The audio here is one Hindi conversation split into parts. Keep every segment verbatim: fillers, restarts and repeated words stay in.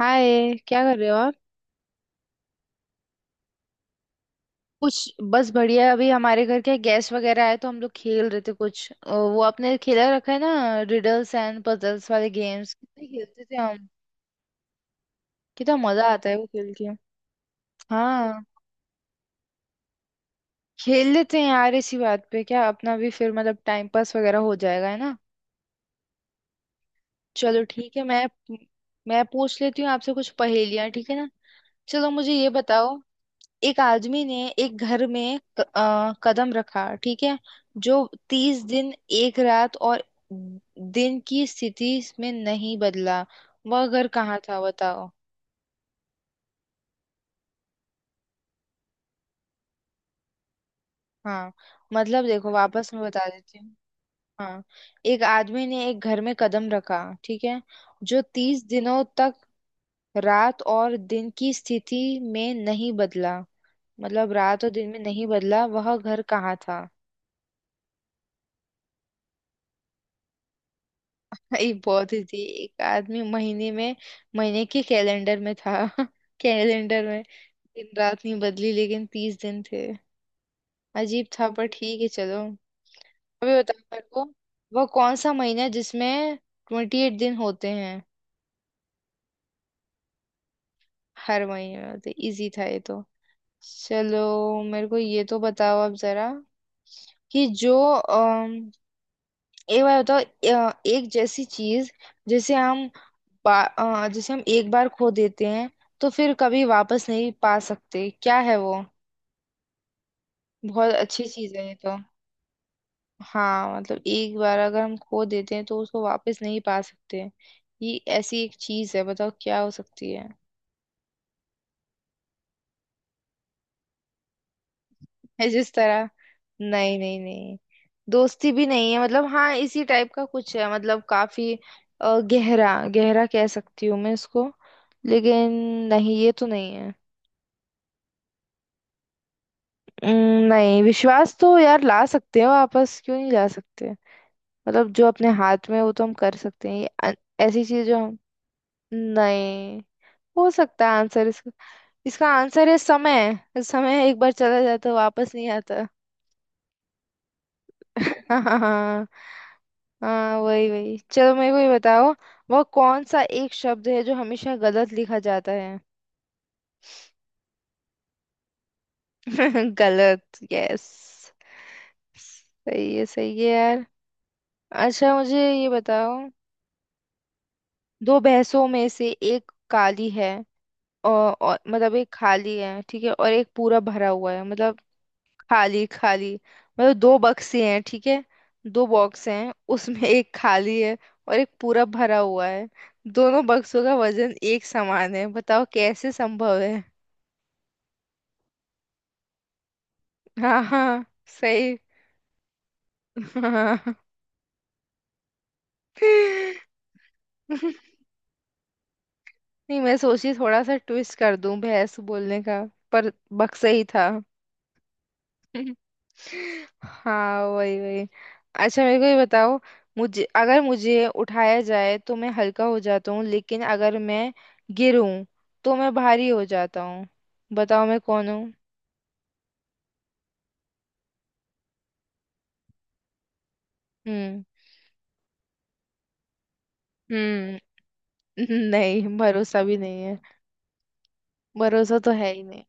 हाय, क्या कर रहे हो आप। कुछ बस बढ़िया। अभी हमारे घर के गेस्ट वगैरह आए तो हम लोग खेल रहे थे कुछ। अ, वो आपने खेला रखा है ना, रिडल्स एंड पजल्स वाले गेम्स कितने खेलते थे हम। कितना मजा आता है वो खेल के। हाँ। खेल लेते हैं यार इसी बात पे। क्या अपना भी फिर मतलब टाइम पास वगैरह हो जाएगा है ना। चलो ठीक है। मैं मैं पूछ लेती हूँ आपसे कुछ पहेलियाँ, ठीक है ना। चलो, मुझे ये बताओ। एक आदमी ने एक घर में क- अ, कदम रखा, ठीक है। जो तीस दिन एक रात और दिन की स्थिति में नहीं बदला, वह घर कहाँ था बताओ। हाँ, मतलब देखो, वापस मैं बता देती हूँ। हाँ, एक आदमी ने एक घर में कदम रखा, ठीक है। जो तीस दिनों तक रात और दिन की स्थिति में नहीं बदला, मतलब रात और दिन में नहीं बदला, वह घर कहाँ था। ये बहुत ही थी। एक आदमी महीने में, महीने के कैलेंडर में था। कैलेंडर में दिन रात नहीं बदली लेकिन तीस दिन थे। अजीब था पर ठीक है चलो। अभी बताओ मेरे को, वो कौन सा महीना है जिसमें ट्वेंटी एट दिन होते हैं। हर महीने में होते, इजी था ये तो। चलो, मेरे को ये तो बताओ आप जरा, कि जो एक बार बताओ अ, एक जैसी चीज जिसे हम बा- अ, जिसे हम एक बार खो देते हैं तो फिर कभी वापस नहीं पा सकते, क्या है वो। बहुत अच्छी चीज है ये तो। हाँ, मतलब एक बार अगर हम खो देते हैं तो उसको वापस नहीं पा सकते। ये ऐसी एक चीज है, बताओ क्या हो सकती है। है जिस तरह। नहीं नहीं नहीं, दोस्ती भी नहीं है। मतलब हाँ, इसी टाइप का कुछ है, मतलब काफी अ, गहरा, गहरा कह सकती हूँ मैं इसको, लेकिन नहीं, ये तो नहीं है। उम, नहीं, विश्वास तो यार ला सकते हैं वापस, क्यों नहीं ला सकते। मतलब जो अपने हाथ में है, वो तो हम कर सकते हैं। ये अन- ऐसी चीज जो हम। नहीं। हो सकता है आंसर इसका। इसका आंसर है समय। समय एक बार चला जाता है, वापस नहीं आता। हाँ, हाँ वही वही। चलो मेरे को ये बताओ, वह कौन सा एक शब्द है जो हमेशा गलत लिखा जाता है। गलत, यस। सही है, सही है यार। अच्छा, मुझे ये बताओ। दो भैंसों में से एक काली है, और, और मतलब एक खाली है, ठीक है, और एक पूरा भरा हुआ है, मतलब खाली खाली। मतलब दो बक्से हैं, ठीक है। दो बॉक्स हैं उसमें, एक खाली है और एक पूरा भरा हुआ है। दोनों बक्सों का वजन एक समान है, बताओ कैसे संभव है। हाँ, हाँ सही। हाँ। नहीं, मैं सोची थोड़ा सा ट्विस्ट कर दूं भैंस बोलने का, पर बक्सा ही था। हाँ वही वही। अच्छा मेरे को ये बताओ। मुझे, अगर मुझे उठाया जाए तो मैं हल्का हो जाता हूँ, लेकिन अगर मैं गिरूं तो मैं भारी हो जाता हूँ। बताओ मैं कौन हूँ। हम्म। हम्म। नहीं, भरोसा भी नहीं है। भरोसा तो है ही नहीं।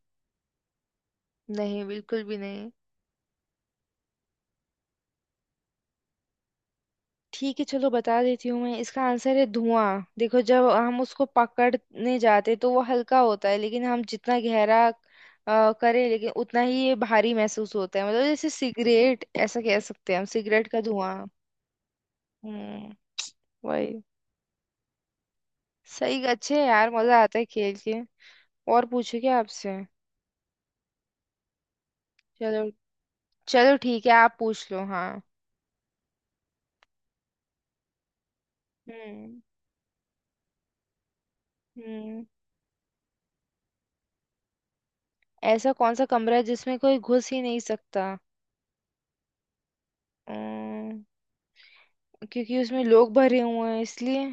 नहीं, बिल्कुल भी नहीं। ठीक है चलो, बता देती हूँ मैं। इसका आंसर है धुआं। देखो जब हम उसको पकड़ने जाते तो वो हल्का होता है, लेकिन हम जितना गहरा अ, करें लेकिन उतना ही ये भारी महसूस होता है। मतलब जैसे सिगरेट, ऐसा कह सकते हैं, हम सिगरेट का धुआं। हम्म। वही। सही। अच्छे हैं यार, मजा आता है खेल के। और पूछो क्या आपसे। चलो। चलो ठीक है, आप पूछ लो। हाँ। हम्म। हम्म। ऐसा कौन सा कमरा है जिसमें कोई घुस ही नहीं सकता। अम्म, क्योंकि उसमें लोग भरे हुए हैं इसलिए।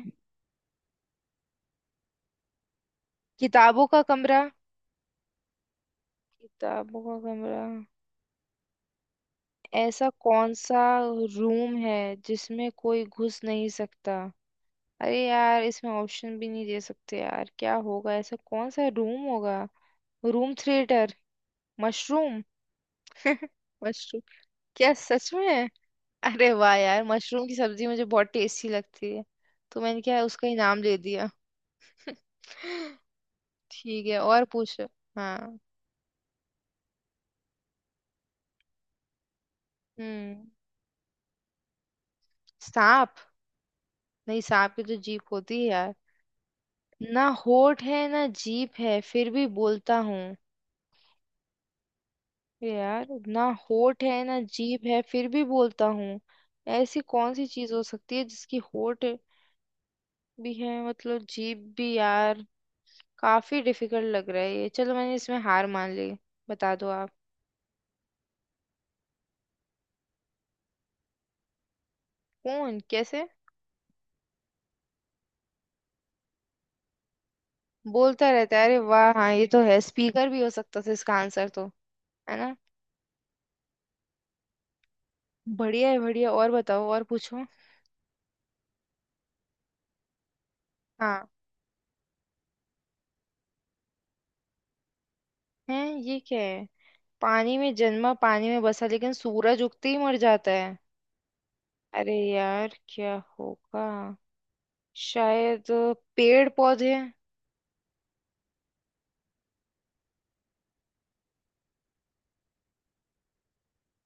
किताबों का कमरा। किताबों का कमरा। ऐसा कौन सा रूम है जिसमें कोई घुस नहीं सकता। अरे यार, इसमें ऑप्शन भी नहीं दे सकते यार, क्या होगा ऐसा कौन सा रूम होगा। Room theatre. मशरूम। मशरूम, क्या सच में। अरे वाह यार, मशरूम की सब्जी मुझे बहुत टेस्टी लगती है, तो मैंने क्या उसका ही नाम ले दिया। ठीक है और पूछ। हाँ। हम्म। सांप। नहीं, सांप की तो जीभ होती है यार। ना होठ है ना जीभ है फिर भी बोलता हूँ। यार, ना होठ है ना जीभ है फिर भी बोलता हूँ। ऐसी कौन सी चीज हो सकती है जिसकी होठ भी है, मतलब जीभ भी। यार, काफी डिफिकल्ट लग रहा है ये। चलो मैंने इसमें हार मान ली, बता दो आप। कौन, कैसे। बोलता रहता है, अरे वाह, हाँ ये तो है, स्पीकर भी हो सकता था इसका आंसर तो। है ना। बढ़िया है बढ़िया, और बताओ और पूछो। हाँ। है। ये क्या है। पानी में जन्मा, पानी में बसा, लेकिन सूरज उगते ही मर जाता है। अरे यार क्या होगा, शायद अ, पेड़ पौधे।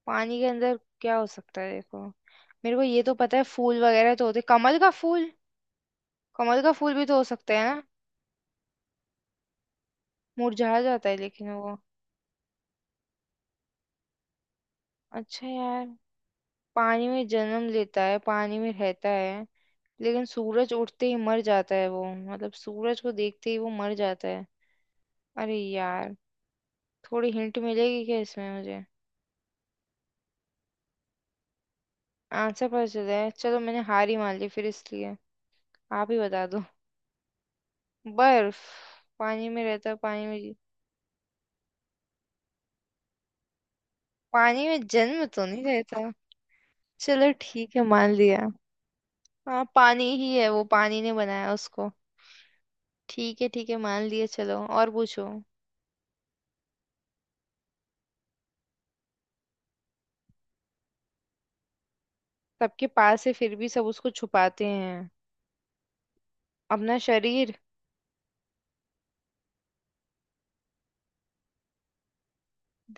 पानी के अंदर क्या हो सकता है देखो। मेरे को ये तो पता है, फूल वगैरह तो होते, कमल का फूल। कमल का फूल भी तो हो सकता है ना। मुरझा जाता है लेकिन वो। अच्छा यार, पानी में जन्म लेता है, पानी में रहता है, लेकिन सूरज उठते ही मर जाता है वो, मतलब सूरज को देखते ही वो मर जाता है। अरे यार, थोड़ी हिंट मिलेगी क्या इसमें मुझे। आंसर पता चल है, चलो मैंने हार ही मान ली फिर इसलिए, आप ही बता दो। बर्फ। पानी में रहता, पानी में जी, पानी में जन्म तो नहीं रहता। चलो ठीक है, मान लिया। हाँ पानी ही है वो, पानी ने बनाया उसको। ठीक है, ठीक है मान लिए, चलो और पूछो। सबके पास है फिर भी सब उसको छुपाते हैं। अपना शरीर।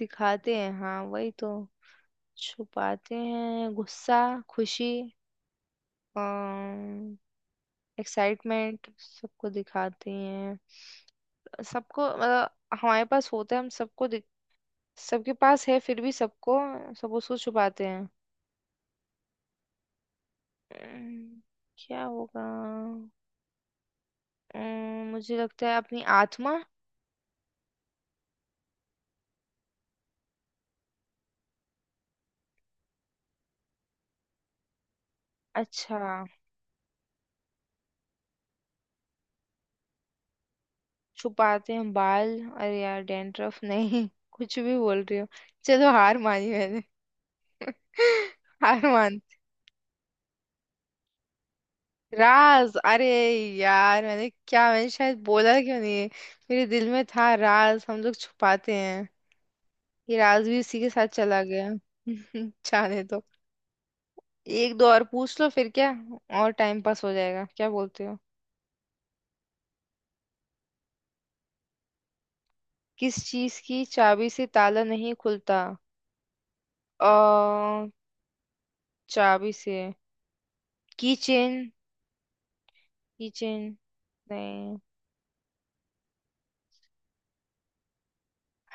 दिखाते हैं, हाँ वही तो। छुपाते हैं गुस्सा, खुशी, एक्साइटमेंट। सबको दिखाते हैं। सबको मतलब हमारे पास होता है, हम सबको दिख-। सबके पास है फिर भी सबको, सब उसको छुपाते हैं। अम्म, क्या होगा। अम्म, मुझे लगता है अपनी आत्मा। अच्छा। छुपाते हैं बाल। अरे यार डैंड्रफ, नहीं कुछ भी बोल रही हो। चलो हार मानी मैंने। हार मान। राज। अरे यार, मैंने क्या, मैंने शायद बोला क्यों नहीं। मेरे दिल में था राज हम लोग छुपाते हैं। ये राज भी उसी के साथ चला गया। जाने दो। एक दो और पूछ लो फिर क्या, और टाइम पास हो जाएगा, क्या बोलते हो। किस चीज की चाबी से ताला नहीं खुलता। अ चाबी से की चेन। की चेन नहीं।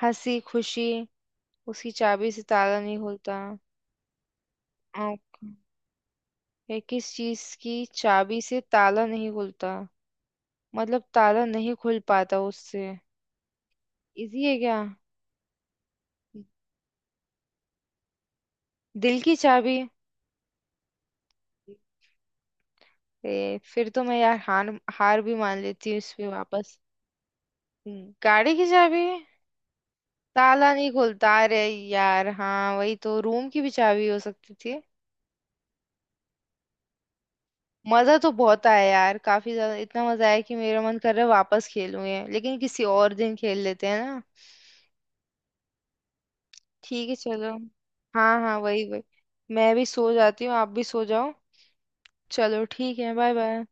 हंसी खुशी उसकी चाबी से ताला नहीं खुलता। आँख-, ये किस चीज की चाबी से ताला नहीं खुलता, मतलब ताला नहीं खुल पाता उससे। इजी है क्या, दिल की चाबी। ए, फिर तो मैं यार हार, हार भी मान लेती हूँ इसमें वापस। हम्म, गाड़ी की चाबी। ताला नहीं खुलता, अरे यार हाँ, वही तो रूम की भी चाबी हो सकती थी। मजा तो बहुत आया यार, काफी ज्यादा, इतना मजा आया कि मेरा मन कर रहा है वापस खेलूं ये, लेकिन किसी और दिन खेल लेते हैं ना। ठीक है चलो। हाँ हाँ वही वही। मैं भी सो जाती हूँ, आप भी सो जाओ। चलो ठीक है, बाय बाय।